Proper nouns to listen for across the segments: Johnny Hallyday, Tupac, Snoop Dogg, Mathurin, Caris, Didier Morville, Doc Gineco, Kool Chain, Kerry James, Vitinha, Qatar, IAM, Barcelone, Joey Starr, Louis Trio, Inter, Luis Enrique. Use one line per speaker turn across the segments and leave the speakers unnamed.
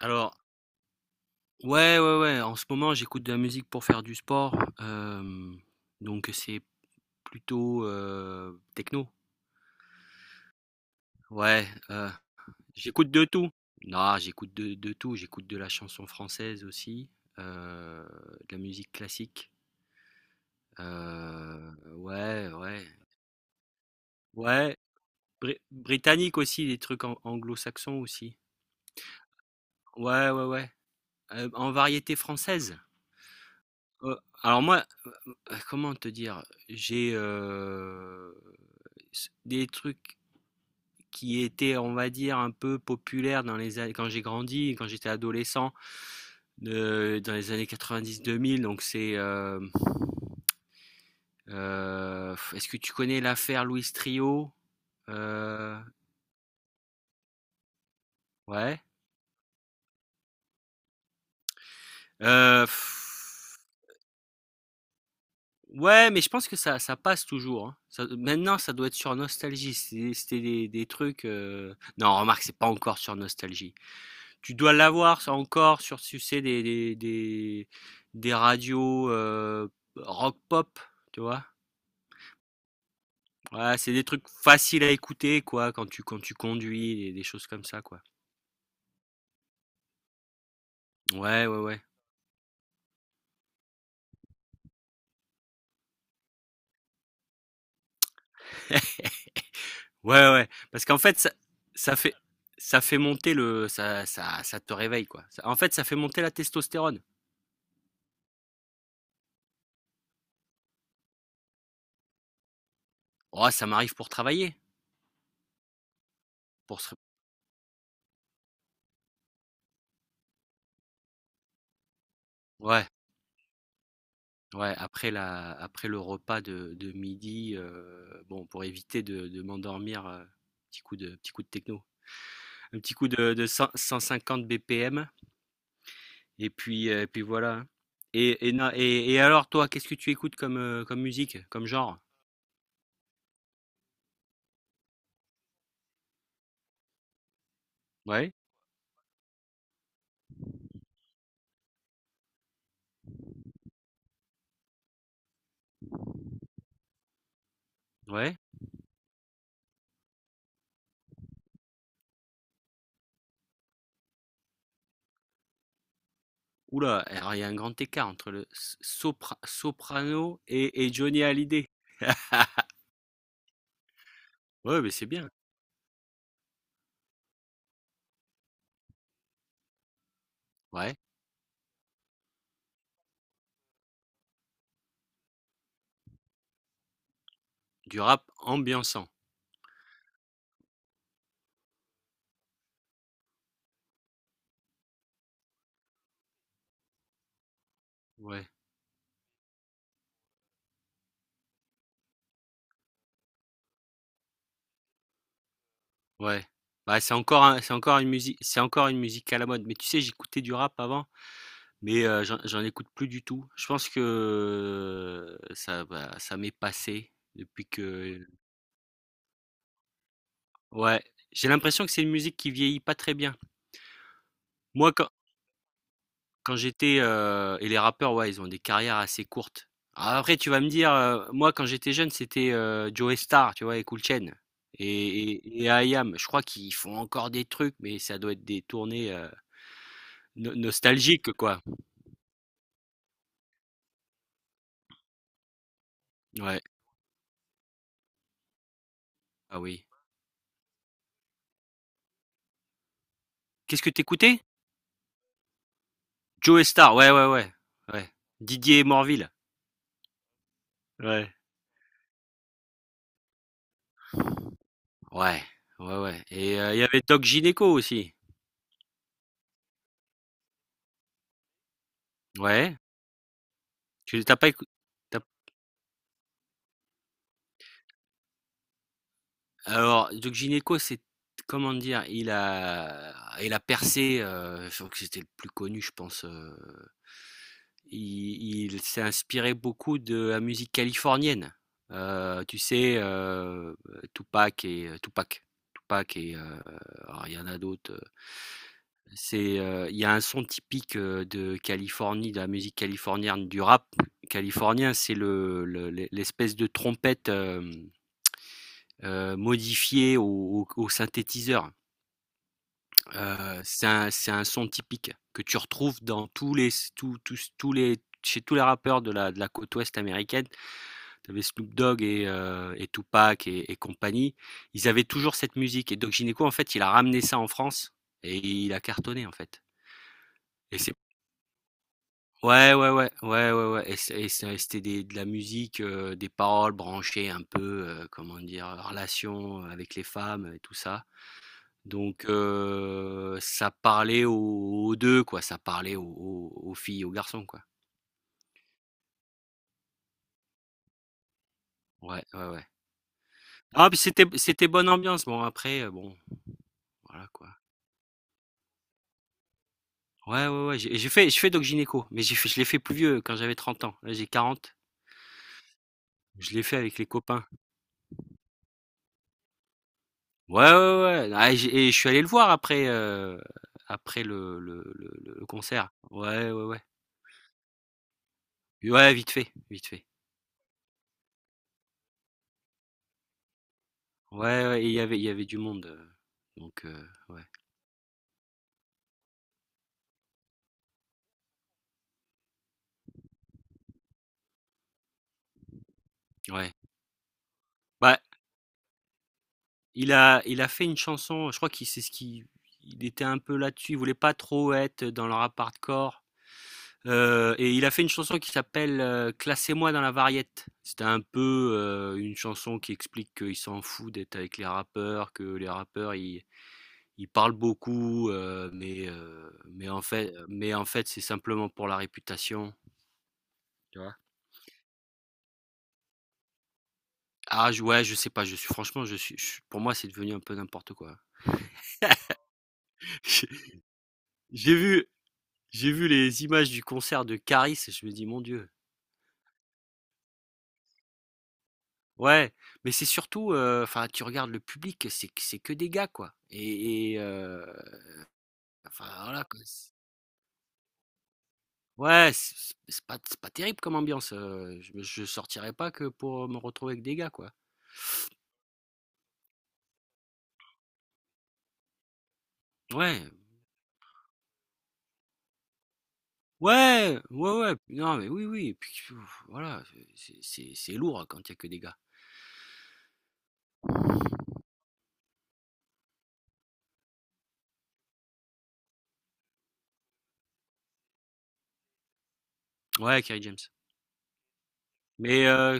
Alors, ouais, ouais, ouais, en ce moment, j'écoute de la musique pour faire du sport, hem, donc c'est plutôt, techno. Ouais, j'écoute de tout. Non, j'écoute de tout, j'écoute de la chanson française aussi, heu, de la musique classique, ouais, ouais, ouais, britannique aussi, des trucs an anglo-saxons aussi. Ouais, ouais, ouais, en variété française? Heu, alors moi Comment te dire? J'ai, des trucs qui étaient, on va dire, un peu populaires dans les années quand j'ai grandi, quand j'étais adolescent, de dans les années 90 2000. Donc c'est, est-ce que tu connais l'affaire Louis Trio? Heu, ouais, heu, ouais, mais je pense que ça passe toujours, hein. Ça maintenant, ça doit être sur Nostalgie, c'était des trucs, non, remarque, c'est pas encore sur Nostalgie. Tu dois l'avoir ça encore sur tu sais des radios, rock pop, tu vois? Ouais, c'est des trucs faciles à écouter quoi quand tu conduis et des choses comme ça quoi. Ouais, ouais, ouais. Ouais, ouais, parce qu'en fait ça ça fait ça fait monter le ça te réveille quoi. Ça en fait ça fait monter la testostérone. Oh, ça m'arrive pour travailler, pour se ouais. Ouais, après le repas de midi, bon, pour éviter de m'endormir, petit coup de techno. Un petit coup de cent 150 BPM et puis voilà, hein. Et na et alors toi, qu'est-ce que tu écoutes comme musique, comme genre? Ouais, ouais. Oula, alors il y a un grand écart entre le s sopra soprano et Johnny Hallyday. Ouais, mais c'est bien. Ouais, du rap ambiançant. Ouais. Ouais. Bah, c'est encore une musique à la mode. Mais tu sais, j'écoutais du rap avant, mais j'en écoute plus du tout. Je pense que ça m'est passé depuis que, ouais, j'ai l'impression que c'est une musique qui vieillit pas très bien. Moi, et les rappeurs, ouais, ils ont des carrières assez courtes. Alors après, tu vas me dire, moi, quand j'étais jeune, c'était, Joey Starr, tu vois? Et Kool Chain et et IAM. Je crois qu'ils font encore des trucs, mais ça doit être des tournées, no nostalgiques, quoi. Ouais, ah oui. Qu'est-ce que t'écoutais écoutais? Joe Star, ouais, ouais, ouais, ouais. Didier Morville. Ouais. Ouais, ouais, ouais et il y avait Doc Gineco aussi. Ouais. Tu t'as pas écou t'as Alors Doc Gineco, c'est comment dire? Il a percé, je crois que c'était le plus connu, je pense. Il s'est inspiré beaucoup de la musique californienne. Tu sais, Tupac Tupac et euh, alors, il y c'est, il y a un son typique, de Californie, de la musique californienne, du rap californien. C'est l'espèce de trompette, modifiée au synthétiseur. C'est un son typique que tu retrouves dans tous les tous tous tous les chez tous les rappeurs de la côte ouest américaine. Tu avais Snoop Dogg et Tupac et compagnie. Ils avaient toujours cette musique et Doc Gynéco, en fait, il a ramené ça en France et il a cartonné, en fait et c'est ouais, ouais, ouais, ouais, ouais, ouais. Et c'est c'était des de la musique, des paroles branchées un peu, comment dire? Relations avec les femmes et tout ça. Donc, ça parlait aux deux quoi, ça parlait aux filles, aux garçons quoi. Ouais, ouais, ouais. Ah, puis c'était bonne ambiance. Bon après, bon voilà quoi. Ouais, ouais, ouais, j'ai fait je fais doc-gynéco, mais j'ai fait je l'ai fait plus vieux quand j'avais 30 ans. Là j'ai 40 Je l'ai fait avec les copains. Ouais, ouais, ouais, ouais. Ah, et j'ai et je suis allé le voir après le concert. Ouais, ouais, ouais. Ouais, vite fait, vite fait. Ouais, ouais. Et il y avait du monde, ouais. Ouais. Bah, il a fait une chanson. Je crois qu'il c'est ce qui, Il était un peu là-dessus, il voulait pas trop être dans le rap hardcore. Et il a fait une chanson qui s'appelle, Classez-moi dans la variette. C'était un peu, une chanson qui explique qu'il s'en fout d'être avec les rappeurs, que les rappeurs ils parlent beaucoup, mais en fait c'est simplement pour la réputation. Tu vois? Ah, ouais, je sais pas, je suis franchement, pour moi c'est devenu un peu n'importe quoi. J'ai j'ai vu, J'ai vu les images du concert de Caris et je me dis, mon Dieu. Ouais, mais c'est surtout, enfin, tu regardes le public, c'est que des gars, quoi. Et, enfin, voilà, quoi. Ouais, c'est pas terrible comme ambiance. Je sortirais pas que pour me retrouver avec des gars, quoi. Ouais, ouais, ouais, ouais. Non, mais oui, oui. Et puis, voilà, c'est lourd quand il y a que des gars. Ouais, Kerry James. Mais euh,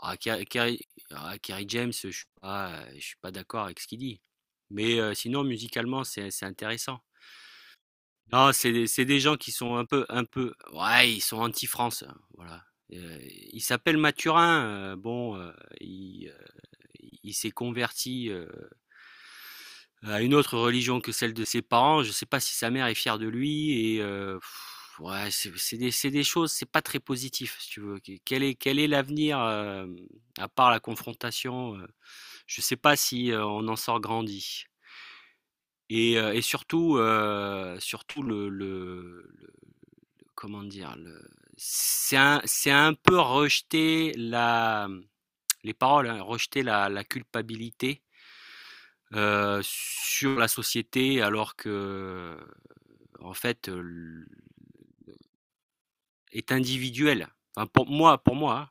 Ah, Kerry James, je suis pas d'accord avec ce qu'il dit. Mais sinon, musicalement, c'est intéressant. Non, c'est des gens qui sont un peu, ouais, ils sont anti-France, hein, voilà. Euh, il s'appelle Mathurin, bon, il, euh, il s'est converti, à une autre religion que celle de ses parents, je sais pas si sa mère est fière de lui et ouais, c'est des choses, c'est pas très positif, si tu veux. Quel est l'avenir, à part la confrontation? Je sais pas si, on en sort grandi. Surtout le, comment dire? Le C'est un peu rejeter la, les paroles, hein, rejeter la culpabilité, sur la société, alors que, en fait, est individuel. Enfin pour moi, pour moi, hein.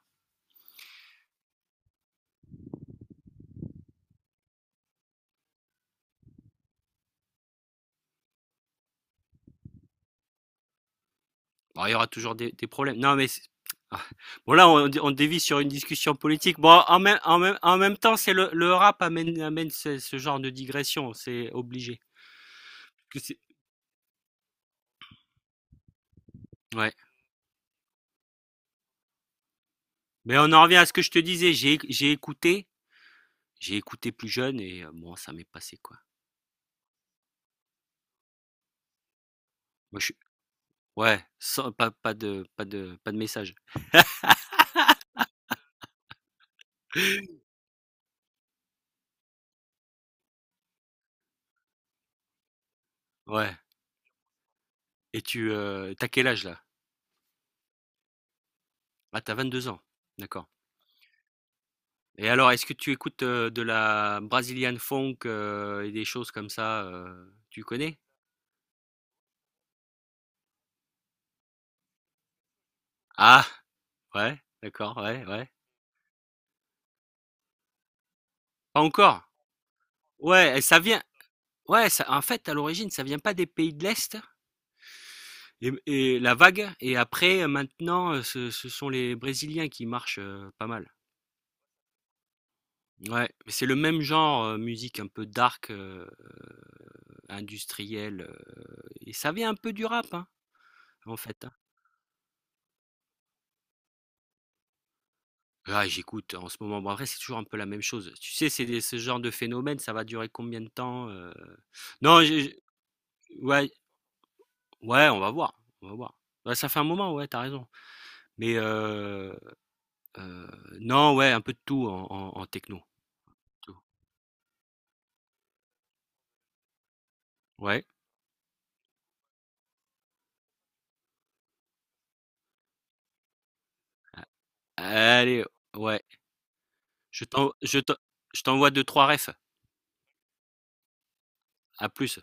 Bon, il y aura toujours des problèmes. Non mais c'est ah, bon là, on dévie sur une discussion politique. Bon, en même temps c'est le rap amène ce genre de digression, c'est obligé. Que c'est Ouais. Mais on en revient à ce que je te disais, j'ai écouté plus jeune et bon ça m'est passé quoi. Moi je suis Ouais, sans pas de message. Ouais. Et tu t'as quel âge là? Ah, t'as 22 ans. D'accord. Et alors, est-ce que tu écoutes, de la Brazilian funk, et des choses comme ça, tu connais? Ah, ouais, d'accord, ouais, ouais. Pas encore. Ouais, et ça vient. Ouais, ça, en fait, à l'origine, ça vient pas des pays de l'Est et la vague. Et après, maintenant, ce sont les Brésiliens qui marchent, pas mal. Ouais, mais c'est le même genre, musique un peu dark, industrielle, et ça vient un peu du rap, hein. En fait, hein? Ah, j'écoute en ce moment. Bon, après, c'est toujours un peu la même chose. Tu sais, c'est des ce genre de phénomène, ça va durer combien de temps? Non, j'ai ouais, ouais, on va voir, on va voir. Ouais, ça fait un moment, ouais, t'as raison. Mais heu, non, ouais, un peu de tout en techno, tout. Ouais. Allez, ouais. Je t'en je t'en je t'envoie deux, trois refs. À plus.